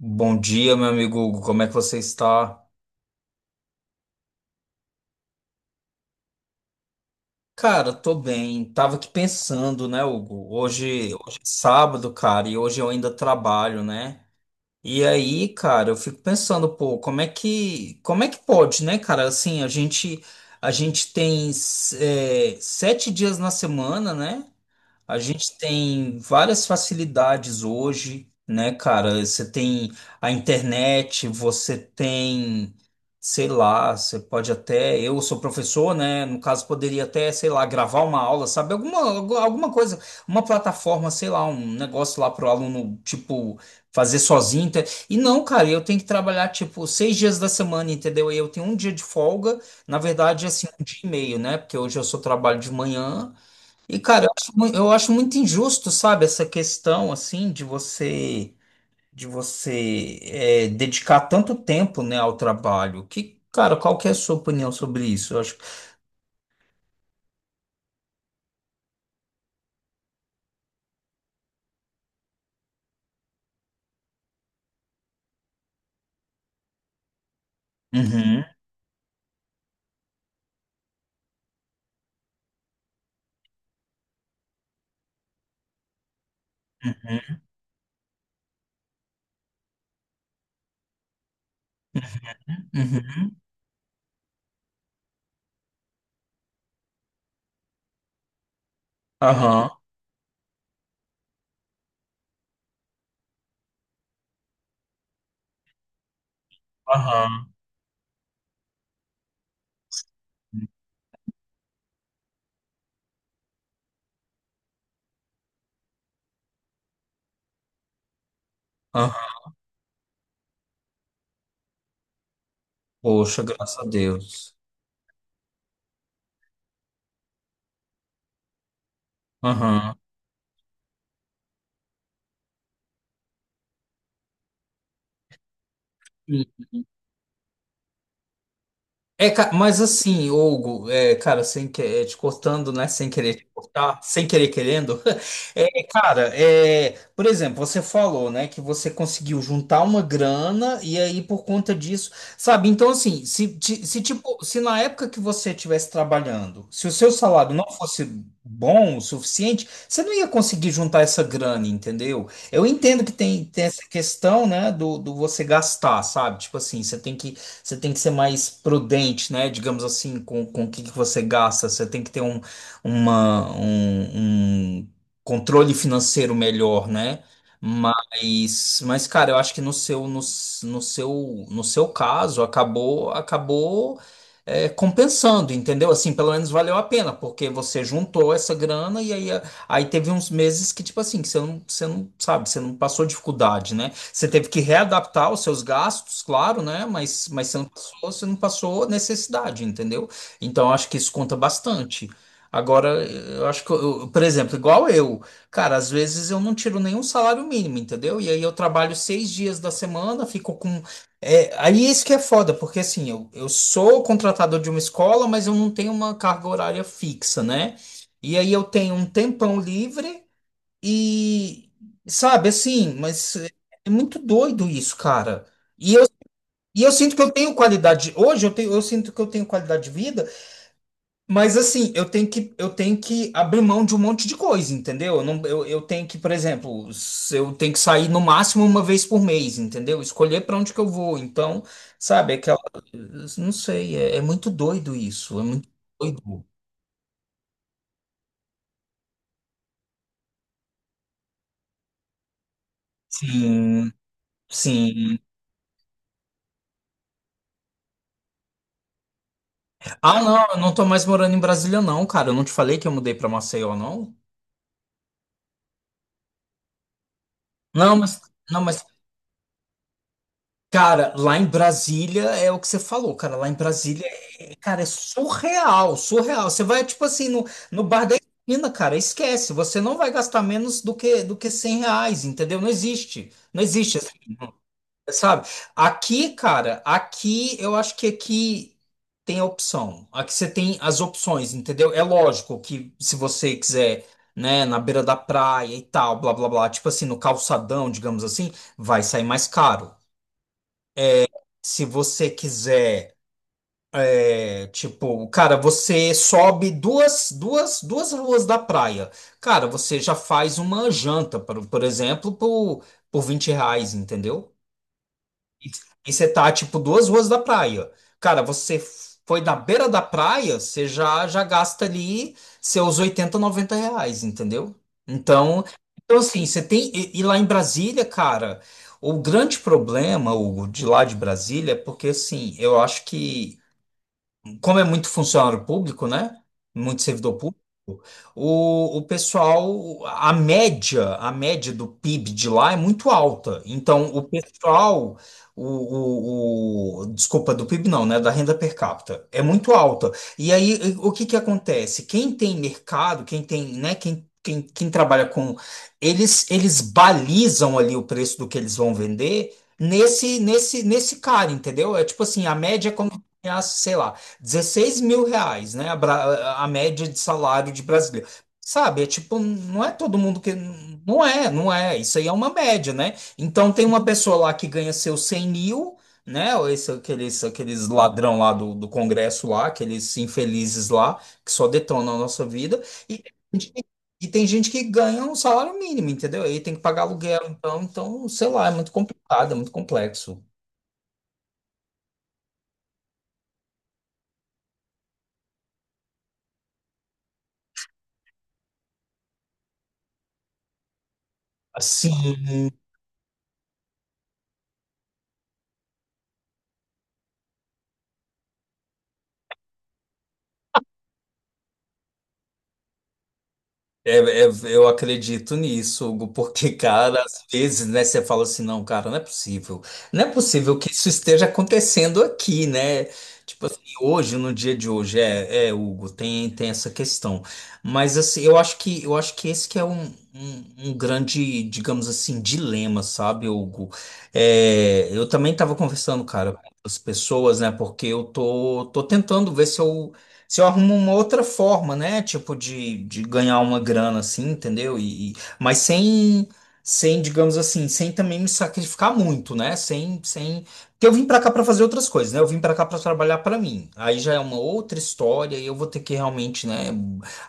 Bom dia, meu amigo Hugo. Como é que você está? Cara, tô bem. Tava aqui pensando, né, Hugo? Hoje é sábado, cara, e hoje eu ainda trabalho, né? E aí, cara, eu fico pensando, pô, como é que pode, né, cara? Assim, a gente tem, sete dias na semana, né? A gente tem várias facilidades hoje, né, cara? Você tem a internet, você tem, sei lá, você pode até, eu sou professor, né? No caso, poderia até, sei lá, gravar uma aula, sabe? Alguma, alguma coisa, uma plataforma, sei lá, um negócio lá pro aluno, tipo, fazer sozinho. E não, cara, eu tenho que trabalhar, tipo, seis dias da semana, entendeu? E eu tenho um dia de folga, na verdade, assim, um dia e meio, né? Porque hoje eu só trabalho de manhã. E, cara, eu acho muito injusto, sabe, essa questão, assim, de você dedicar tanto tempo, né, ao trabalho. Que, cara, qual que é a sua opinião sobre isso? Eu acho... Uhum, uhum, uhum. Aham, aham, aham. Poxa, graças a Deus. Aham. É, mas assim, Hugo, cara, sem que, te cortando, né? Sem querer te cortar, sem querer querendo. É, cara, é, por exemplo, você falou, né, que você conseguiu juntar uma grana e aí por conta disso, sabe? Então, assim, se tipo, se na época que você estivesse trabalhando, se o seu salário não fosse bom o suficiente, você não ia conseguir juntar essa grana, entendeu? Eu entendo que tem, tem essa questão, né, do você gastar, sabe? Tipo assim, você tem que ser mais prudente, né? Digamos assim, com o que que você gasta. Você tem que ter um, um controle financeiro melhor, né? Mas, cara, eu acho que no seu, no seu, no seu caso, acabou compensando, entendeu? Assim, pelo menos valeu a pena, porque você juntou essa grana e aí, aí teve uns meses que, tipo assim, que você não sabe, você não passou dificuldade, né? Você teve que readaptar os seus gastos, claro, né? Mas você não passou necessidade, entendeu? Então, eu acho que isso conta bastante. Agora, eu acho que, por exemplo, igual eu, cara, às vezes eu não tiro nenhum salário mínimo, entendeu? E aí eu trabalho seis dias da semana, fico com. É, aí isso que é foda, porque assim, eu sou contratador de uma escola, mas eu não tenho uma carga horária fixa, né? E aí eu tenho um tempão livre. E, sabe, assim, mas é muito doido isso, cara. E eu, e eu sinto que eu tenho qualidade. Hoje eu tenho, eu sinto que eu tenho qualidade de vida, mas assim, eu tenho que abrir mão de um monte de coisa, entendeu? Eu, não, eu tenho que, por exemplo, se eu tenho que sair no máximo uma vez por mês, entendeu? Escolher para onde que eu vou. Então, sabe, aquela, não sei, é muito doido isso. É muito doido. Sim, sim. Ah, não, eu não tô mais morando em Brasília, não, cara. Eu não te falei que eu mudei pra Maceió, não? Não, mas, não, mas, cara, lá em Brasília é o que você falou, cara. Lá em Brasília, cara, é surreal, surreal. Você vai, tipo assim, no bar da esquina, cara, esquece. Você não vai gastar menos do que 100 reais, entendeu? Não existe. Não existe. Sabe? Aqui, cara, aqui eu acho que aqui tem a opção. Aqui você tem as opções, entendeu? É lógico que se você quiser, né, na beira da praia e tal, blá blá blá, tipo assim, no calçadão, digamos assim, vai sair mais caro. Se você quiser, é, tipo, cara, você sobe duas ruas da praia. Cara, você já faz uma janta, por exemplo, por 20 reais, entendeu? E e você tá, tipo, duas ruas da praia. Cara, você foi na beira da praia, você já, já gasta ali seus 80, 90 reais, entendeu? Então, então assim, você tem. E lá em Brasília, cara, o grande problema, Hugo, de lá de Brasília, é porque, assim, eu acho que como é muito funcionário público, né? Muito servidor público, o pessoal, a média do PIB de lá é muito alta. Então, o pessoal, desculpa, do PIB não, né? Da renda per capita é muito alta. E aí, o que que acontece? Quem tem mercado, quem tem, né? Quem trabalha com, eles balizam ali o preço do que eles vão vender. Nesse cara, entendeu? É tipo assim, a média é como, se sei lá, 16 mil reais, né? A média de salário de brasileiro. Sabe, é tipo, não é todo mundo que. Não é, não é. Isso aí é uma média, né? Então tem uma pessoa lá que ganha seus 100 mil, né? Ou esse, aqueles, aqueles ladrão lá do Congresso lá, aqueles infelizes lá, que só detonam a nossa vida. E, tem gente que- e tem gente que ganha um salário mínimo, entendeu? Aí tem que pagar aluguel, então, então, sei lá, é muito complicado, é muito complexo. Assim. É, é, eu acredito nisso, Hugo, porque, cara, às vezes, né, você fala assim, não, cara, não é possível. Não é possível que isso esteja acontecendo aqui, né? Tipo assim, hoje, no dia de hoje, Hugo, tem, tem essa questão. Mas assim, eu acho que esse que é um, um grande, digamos assim, dilema, sabe, Hugo? É, eu também estava conversando, cara, com as pessoas, né? Porque eu tô, tô tentando ver se eu se eu arrumo uma outra forma, né? Tipo, de ganhar uma grana, assim, entendeu? Mas sem, sem, digamos assim, sem também me sacrificar muito, né? Sem, sem... Porque eu vim pra cá pra fazer outras coisas, né? Eu vim pra cá pra trabalhar pra mim. Aí já é uma outra história e eu vou ter que realmente, né,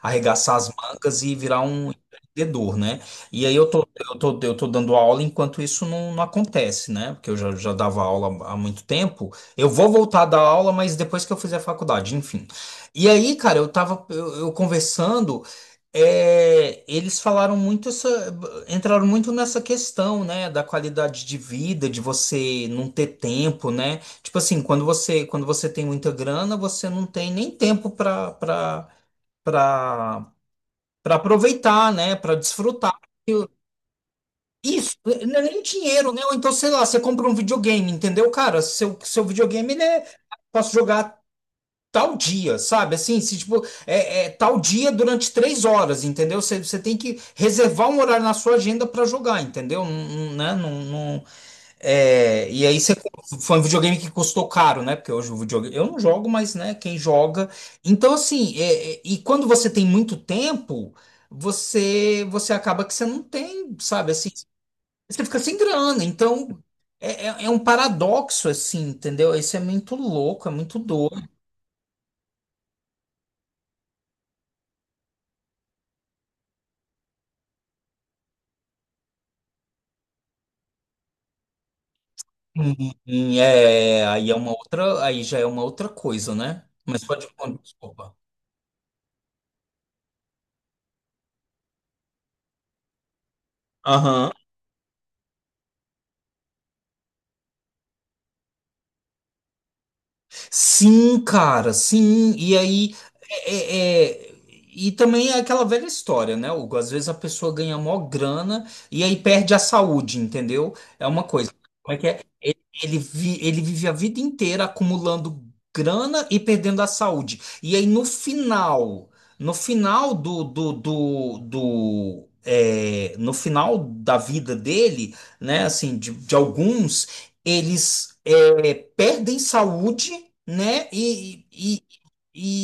arregaçar as mangas e virar um empreendedor, né? E aí eu tô dando aula enquanto isso não, não acontece, né? Porque eu já, já dava aula há muito tempo. Eu vou voltar a dar aula, mas depois que eu fizer a faculdade, enfim. E aí, cara, eu conversando, eles falaram muito essa, entraram muito nessa questão, né, da qualidade de vida, de você não ter tempo, né? Tipo assim, quando você tem muita grana, você não tem nem tempo para para aproveitar, né, para desfrutar. Eu- Isso, não é nem dinheiro, né? Ou então, sei lá, você compra um videogame, entendeu, cara? Seu videogame, ele é posso jogar tal dia, sabe? Assim, se tipo, é tal dia durante três horas, entendeu? Você tem que reservar um horário na sua agenda para jogar, entendeu? Não, não, né? É, e aí você foi um videogame que custou caro, né? Porque hoje o videogame, eu não jogo, mas né, quem joga. Então, assim, e quando você tem muito tempo, você acaba que você não tem, sabe? Assim, você fica sem grana. Então, é um paradoxo, assim, entendeu? Isso é muito louco, é muito doido. Hum, aí é uma outra, aí já é uma outra coisa, né? Mas pode, desculpa. Aham. Sim, cara, sim. E aí é, é- é- e também é aquela velha história, né, Hugo? Às vezes a pessoa ganha mó grana e aí perde a saúde, entendeu? É uma coisa. Ele vive a vida inteira acumulando grana e perdendo a saúde. E aí no final, no final do, do, do, do no final da vida dele, né, assim, de alguns, eles perdem saúde, né, e,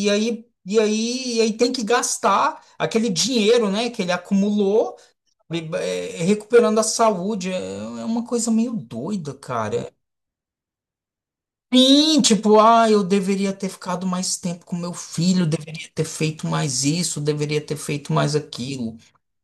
e aí tem que gastar aquele dinheiro, né, que ele acumulou, recuperando a saúde. É uma coisa meio doida, cara. Sim, tipo, ah, eu deveria ter ficado mais tempo com meu filho, deveria ter feito mais isso, deveria ter feito mais aquilo.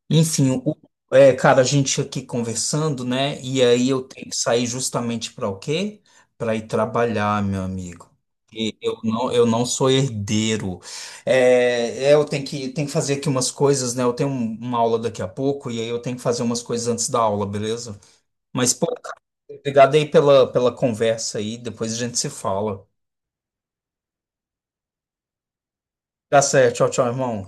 Enfim, é, cara, a gente aqui conversando, né? E aí eu tenho que sair justamente para o quê? Para ir trabalhar, meu amigo. Eu não sou herdeiro. É, é, eu tenho que fazer aqui umas coisas, né? Eu tenho uma aula daqui a pouco e aí eu tenho que fazer umas coisas antes da aula, beleza? Mas, pô, cara, obrigado aí pela, pela conversa aí. Depois a gente se fala. Tá certo. Tchau, tchau, irmão.